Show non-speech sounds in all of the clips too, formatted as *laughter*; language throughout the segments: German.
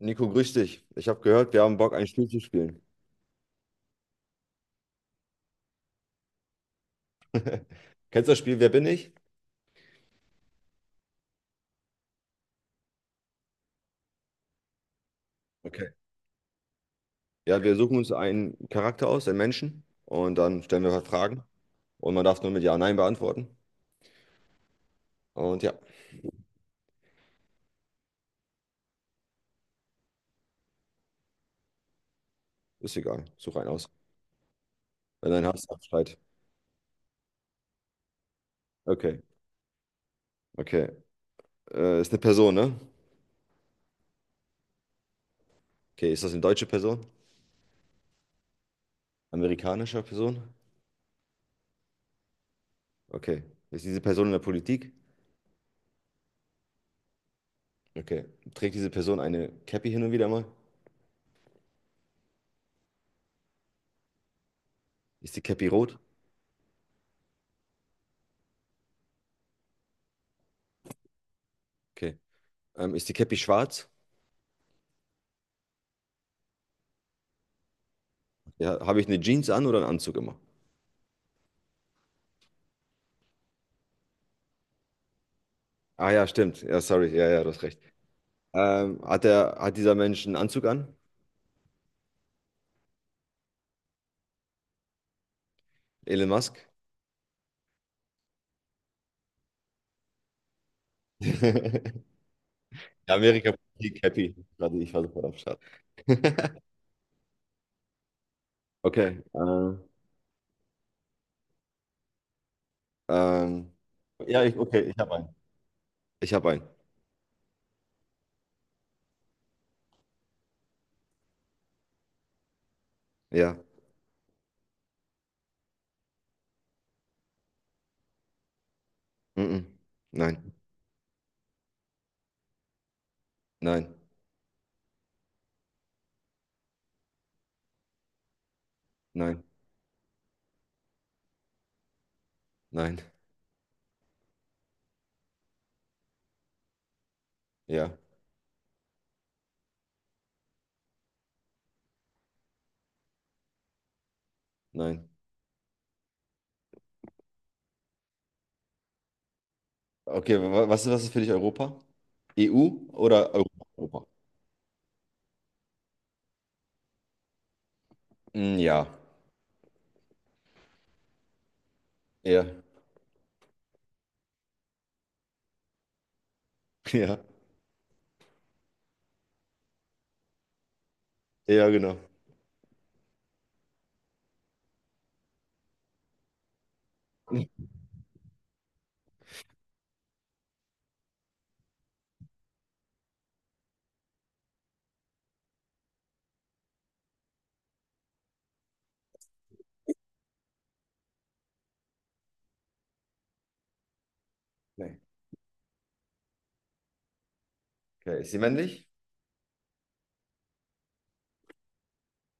Nico, grüß dich. Ich habe gehört, wir haben Bock, ein Spiel zu spielen. Kennst du das Spiel Wer bin ich? Okay. Ja, wir suchen uns einen Charakter aus, einen Menschen, und dann stellen wir Fragen. Und man darf nur mit Ja, Nein beantworten. Und ja, ist egal. Such einen aus. Wenn du einen hast, sag Bescheid. Okay, okay. Ist eine Person, ne? Okay, ist das eine deutsche Person? Amerikanische Person? Okay. Ist diese Person in der Politik? Okay. Trägt diese Person eine Cappy hin und wieder mal? Ist die Cappy rot? Okay. Ist die Cappy schwarz? Ja, habe ich eine Jeans an oder einen Anzug immer? Ah ja, stimmt. Ja, sorry. Ja, ja, du hast recht. Hat dieser Mensch einen Anzug an? Elon Musk? *laughs* Amerika-Politik, happy. Gerade ich war sofort am Start. *laughs* Okay. Ähm, ja, okay, ich habe einen. Ich habe einen. Ja. Mhm. Nein, nein, nein, nein. Ja, nein. Okay, was, was ist für dich Europa? EU oder Europa? Europa? Mm, ja. Ja. *laughs* Ja. Ja, genau. *laughs* Nee. Okay, ist sie männlich?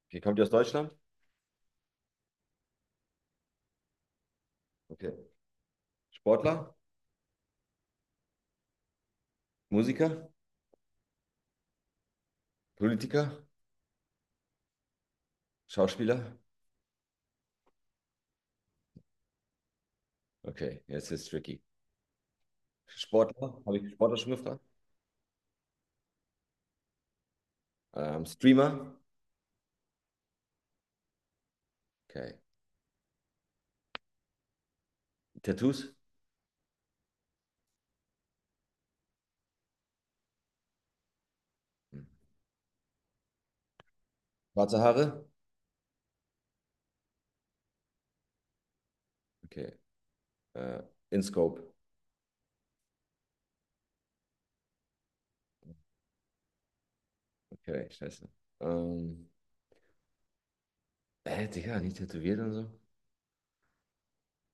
Okay, kommt die aus Deutschland? Okay. Sportler, Musiker, Politiker, Schauspieler. Okay, jetzt ist es tricky. Sportler, habe ich Sportler schon gefragt? Streamer. Okay. Tattoos. Hm. Schwarze Haare. Okay. Äh, InScope. Okay, scheiße. Ähm, Digga, nicht tätowiert und so.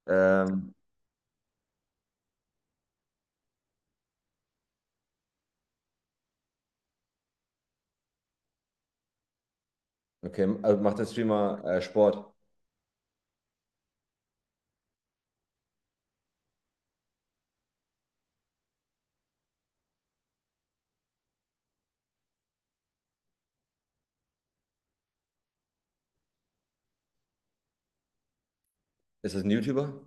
Ähm, okay, also macht der Streamer Sport? Ist das ein YouTuber?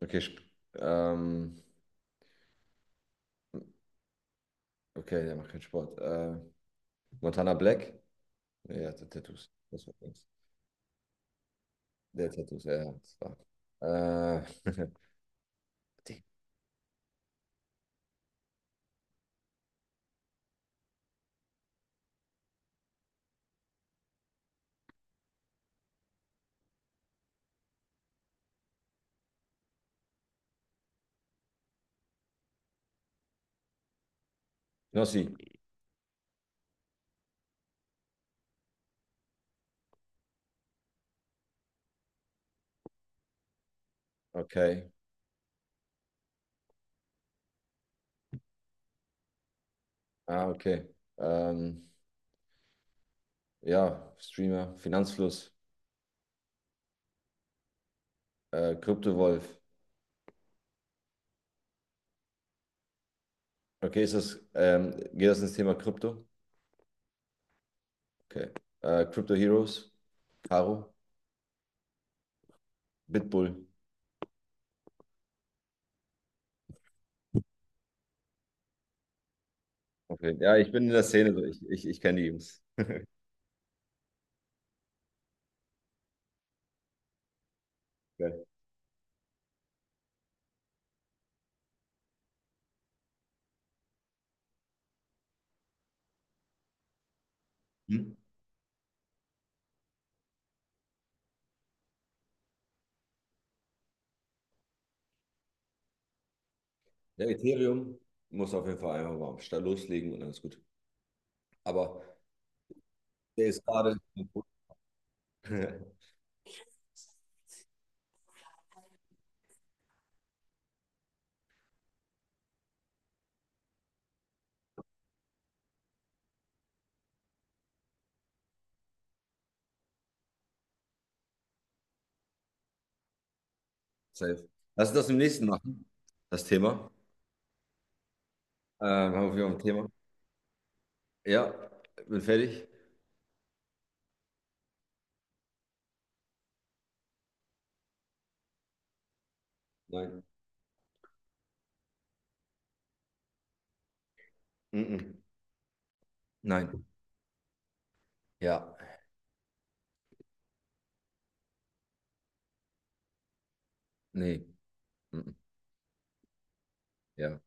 Okay, ähm, okay, der macht keinen Sport. Montana Black? Ja, der hat Tattoos. Das war's. Der Tattoos, ja. Ja, das war, äh, *laughs* Knossi, okay. Ah, okay. Ähm, ja, Streamer, Finanzfluss, Kryptowolf. Okay, ist das, geht das ins Thema Krypto? Okay. Crypto Heroes, Caro, Bitbull. Okay. Ja, ich bin in der Szene, so ich kenne die Jungs. Geil. Hm? Der Ethereum muss auf jeden Fall einfach mal am Start loslegen und alles gut. Aber der ist gerade. *laughs* Safe. Lass uns das im nächsten machen, das Thema. Haben wir ein Thema? Ja, bin fertig. Nein. Mhm. Nein. Ja. Nee. Mhm. Ja.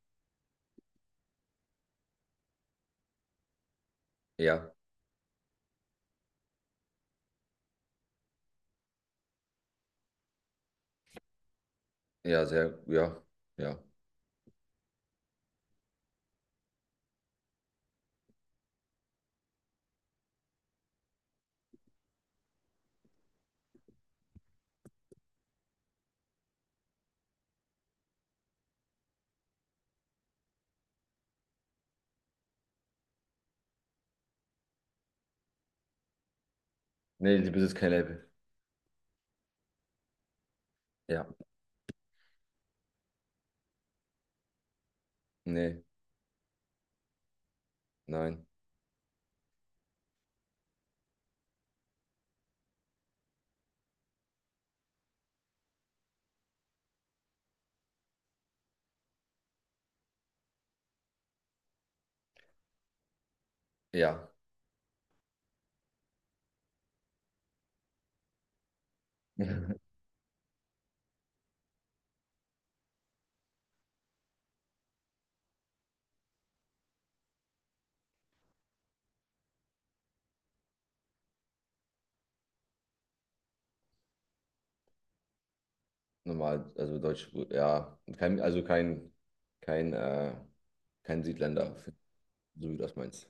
Ja. Ja, sehr. Ja. Ja. Nee, die besitzt kein Label. Ja. Nee. Nein. Ja. *laughs* Normal, also Deutsch, ja. Kein, also kein, kein, kein Südländer, so wie du das meinst.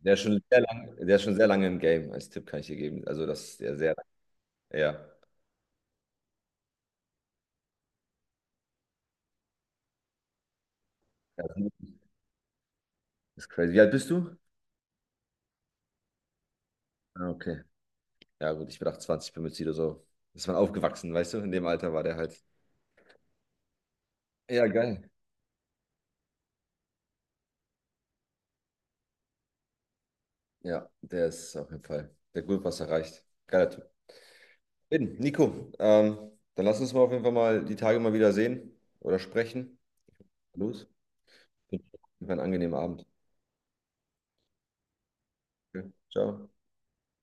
Der ist schon sehr lange im Game. Als Tipp kann ich dir geben. Also, das ist der sehr, ja. Ja, das ist crazy. Wie alt bist du? Ah, okay. Ja, gut, ich bin 28, bin mit Sido so. Ist man aufgewachsen, weißt du? In dem Alter war der halt. Ja, geil. Ja, der ist auf jeden Fall. Der hat gut was erreicht. Geiler Typ. Bin, Nico, dann lass uns mal auf jeden Fall mal die Tage mal wieder sehen oder sprechen. Los. Wünsche dir einen angenehmen Abend. Okay. Ciao.